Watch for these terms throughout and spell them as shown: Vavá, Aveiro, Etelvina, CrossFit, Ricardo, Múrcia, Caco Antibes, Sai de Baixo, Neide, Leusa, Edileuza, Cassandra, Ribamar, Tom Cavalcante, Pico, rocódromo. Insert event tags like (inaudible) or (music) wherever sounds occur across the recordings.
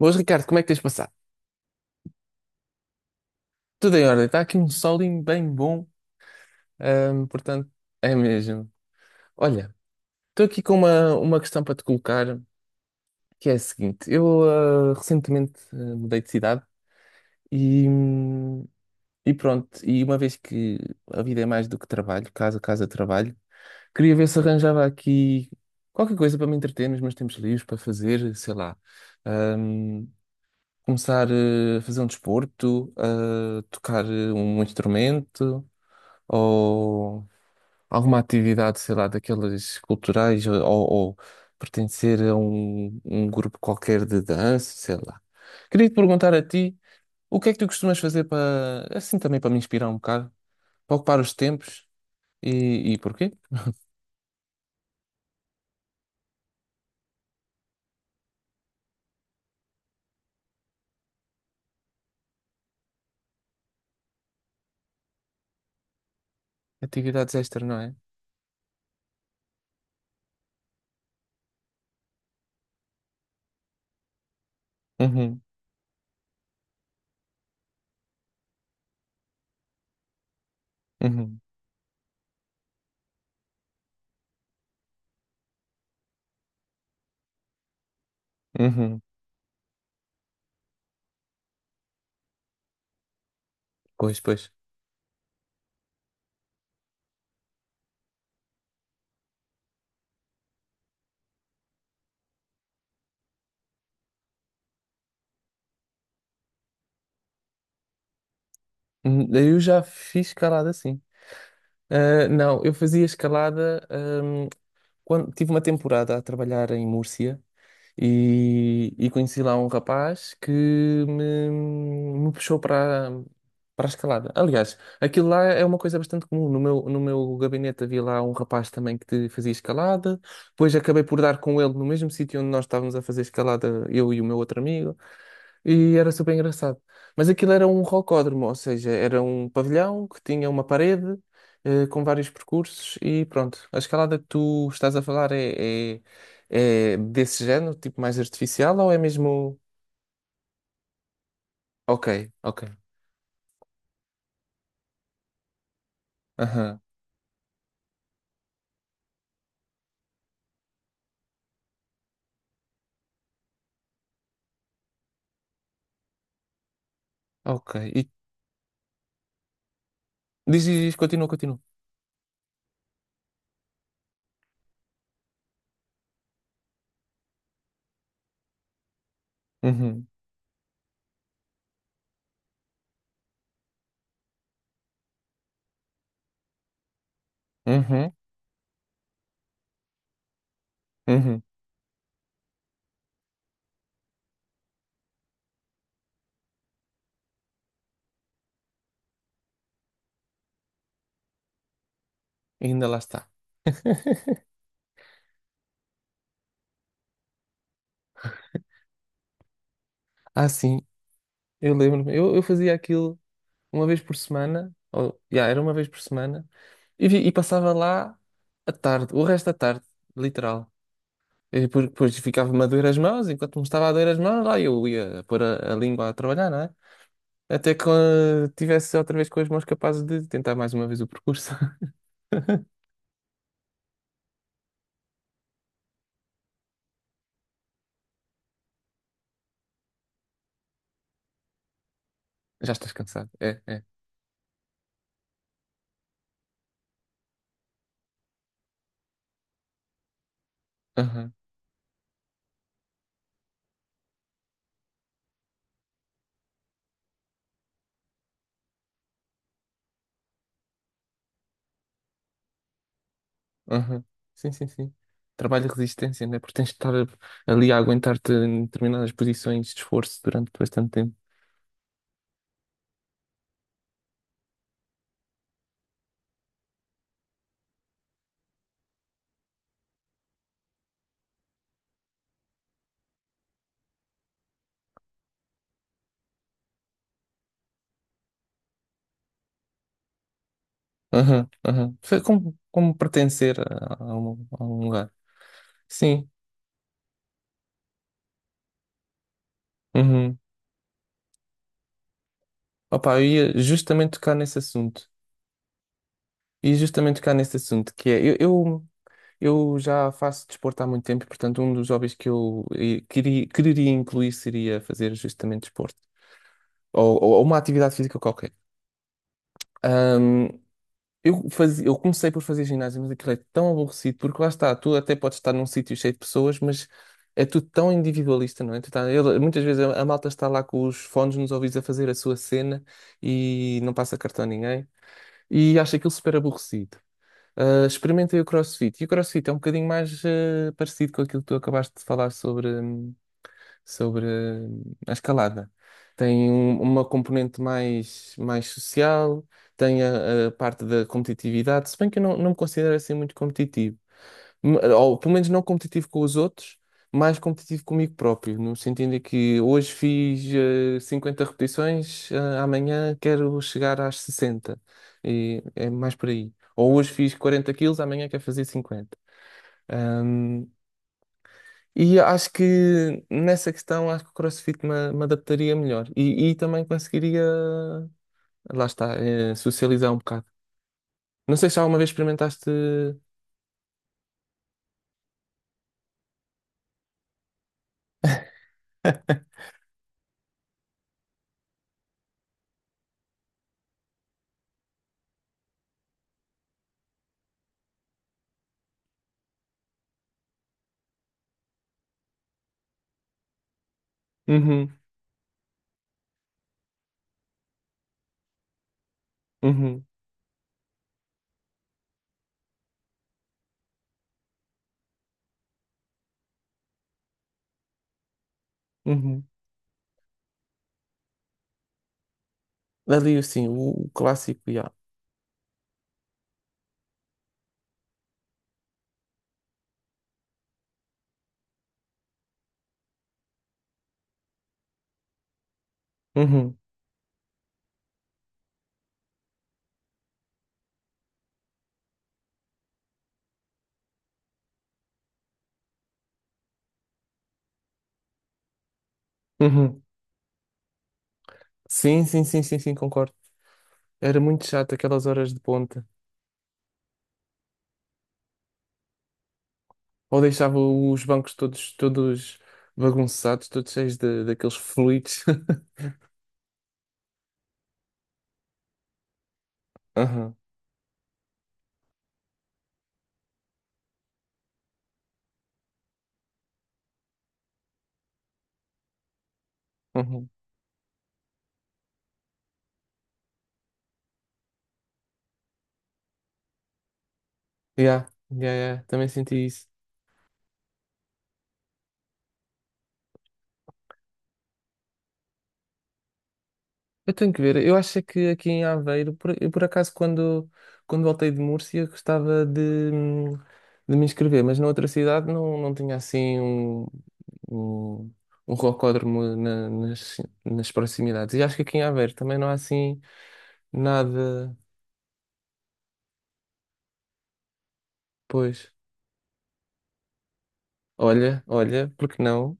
Boas, Ricardo, como é que tens passado? Tudo em ordem, está aqui um solinho bem bom, portanto, é mesmo. Olha, estou aqui com uma questão para te colocar, que é a seguinte: eu recentemente mudei de cidade e, hum, e pronto, e uma vez que a vida é mais do que trabalho, casa, casa, trabalho, queria ver se arranjava aqui qualquer coisa para me entreter nos meus tempos livres, para fazer, sei lá, ahm, começar a fazer um desporto, a tocar um instrumento. Ou alguma atividade, sei lá, daquelas culturais, ou pertencer a um grupo qualquer de dança, sei lá. Queria te perguntar a ti, o que é que tu costumas fazer para, assim também para me inspirar um bocado, para ocupar os tempos e porquê? Atividades extra, não é? Uhum, uhum, uhum. Pois, pois. Hum. Eu já fiz escalada, sim. Ah, não, eu fazia escalada, hum, quando tive uma temporada a trabalhar em Múrcia. E conheci lá um rapaz que me puxou para a escalada. Aliás, aquilo lá é uma coisa bastante comum. No meu gabinete havia lá um rapaz também que fazia escalada. Depois acabei por dar com ele no mesmo sítio onde nós estávamos a fazer escalada, eu e o meu outro amigo. E era super engraçado. Mas aquilo era um rocódromo, ou seja, era um pavilhão que tinha uma parede com vários percursos e pronto. A escalada que tu estás a falar é desse género, tipo mais artificial, ou é mesmo. Ok, ok. Aham, ok. E diz, continua. Uhum, uhum, uhum. E ainda lá está. (laughs) Ah, sim, eu lembro-me. Eu fazia aquilo uma vez por semana, ou, yeah, era uma vez por semana, e, e passava lá a tarde, o resto da tarde, literal. E depois ficava-me a doer as mãos, enquanto me estava a doer as mãos, lá eu ia pôr a língua a trabalhar, não é? Até que tivesse outra vez com as mãos capazes de tentar mais uma vez o percurso. (laughs) Já estás cansado, é, é. Aham, aham. Sim, sim, sim. Trabalho de resistência, não é? Porque tens de estar ali a aguentar-te em determinadas posições de esforço durante bastante tempo. Aham, aham. Foi como, como pertencer a um lugar. Sim. Uhum. Opa, eu ia justamente tocar nesse assunto. E justamente tocar nesse assunto, que é, eu já faço desporto há muito tempo, e, portanto, um dos hobbies que eu quereria incluir seria fazer justamente desporto. Ou uma atividade física qualquer. Eu comecei por fazer ginásio, mas aquilo é tão aborrecido, porque lá está, tu até podes estar num sítio cheio de pessoas, mas é tudo tão individualista, não é? Muitas vezes a malta está lá com os fones nos ouvidos a fazer a sua cena e não passa cartão a ninguém e acha aquilo super aborrecido. Ah, experimentei o CrossFit e o CrossFit é um bocadinho mais parecido com aquilo que tu acabaste de falar sobre. Sobre a escalada. Tem uma componente mais social, tem a parte da competitividade, se bem que eu não me considero assim muito competitivo, ou pelo menos não competitivo com os outros, mais competitivo comigo próprio, no sentido de que hoje fiz 50 repetições, amanhã quero chegar às 60, e é mais por aí. Ou hoje fiz 40 kg, amanhã quero fazer 50, e acho que nessa questão, acho que o CrossFit me adaptaria melhor e também conseguiria, lá está, socializar um bocado. Não sei se alguma vez experimentaste. Uhum, uhum, uhum. Ali, assim, o clássico, já. Uhum, uhum. Sim, sim, sim, sim, sim, concordo. Era muito chato aquelas horas de ponta. Ou deixava os bancos todos bagunçados, todos cheios daqueles fluidos. (laughs) Aham, uhum. Yeah, yeah, yeah, também senti isso. Eu tenho que ver. Eu acho é que aqui em Aveiro, eu por acaso, quando voltei de Múrcia, gostava hum, de me inscrever, mas na outra cidade não tinha assim um, um rocódromo nas proximidades. E acho que aqui em Aveiro também não há assim nada. Pois, olha, porque não?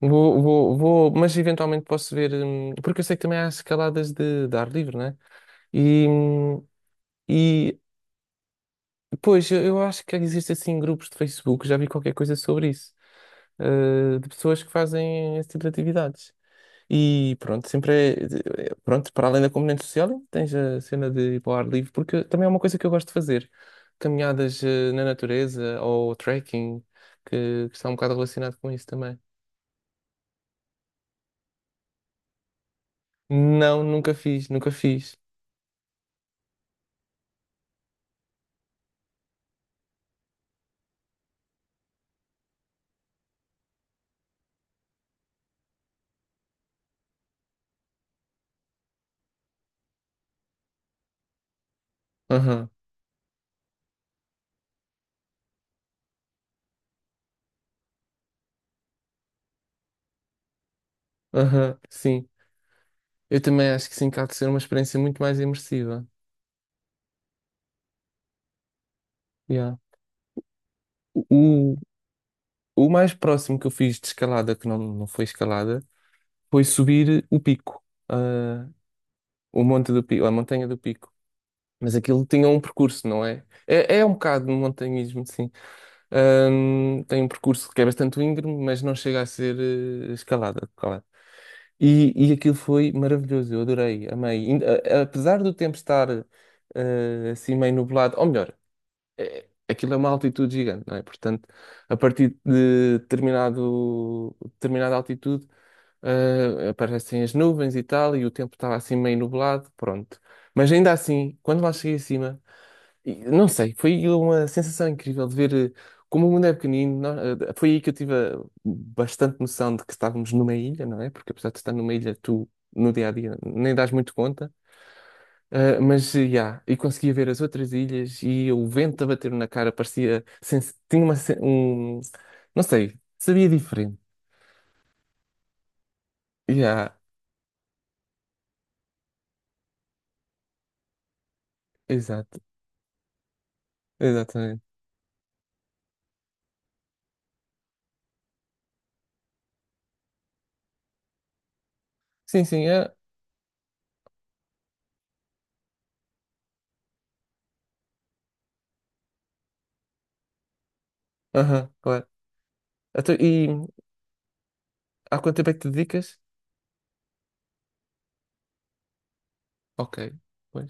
Vou, mas eventualmente posso ver, porque eu sei que também há escaladas de ar livre, né? E, hum, e pois, eu acho que existem assim grupos de Facebook, já vi qualquer coisa sobre isso, de pessoas que fazem esse tipo de atividades. E pronto, sempre pronto, para além da componente social, tens a cena de ir para o ar livre, porque também é uma coisa que eu gosto de fazer. Caminhadas, na natureza ou trekking, que está um bocado relacionado com isso também. Não, nunca fiz, nunca fiz. Aham, aham, sim. Eu também acho que sim, que há de ser uma experiência muito mais imersiva. Yeah. O, O mais próximo que eu fiz de escalada, que não foi escalada, foi subir o pico, ah, o monte do pico, a montanha do pico. Mas aquilo tinha um percurso, não é? É, é um bocado de montanhismo, sim. Tem um percurso que é bastante íngreme, mas não chega a ser escalada, claro. E aquilo foi maravilhoso, eu adorei, amei. Apesar do tempo estar assim meio nublado, ou melhor, é, aquilo é uma altitude gigante, não é? Portanto, a partir de determinada altitude, aparecem as nuvens e tal, e o tempo estava assim meio nublado, pronto. Mas ainda assim, quando lá cheguei acima, e não sei, foi uma sensação incrível de ver como o mundo é pequenino. Foi aí que eu tive bastante noção de que estávamos numa ilha, não é? Porque apesar de estar numa ilha, tu no dia a dia nem dás muito conta. Ah, mas, yeah, e conseguia ver as outras ilhas e o vento a bater na cara parecia. Tinha uma. Um, não sei, sabia diferente. Yeah, exato, exatamente. Sim, sim, é. Aham, claro. Então, e há quanto tempo é que te dedicas? Ok, pois,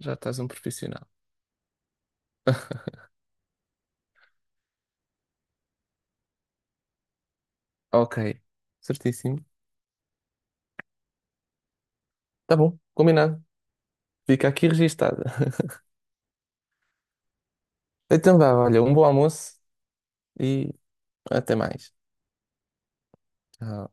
já estás um profissional. (laughs) Ok, certíssimo. Tá bom, combinado. Fica aqui registado. (laughs) Então vá, olha, um bom almoço e até mais. Tchau.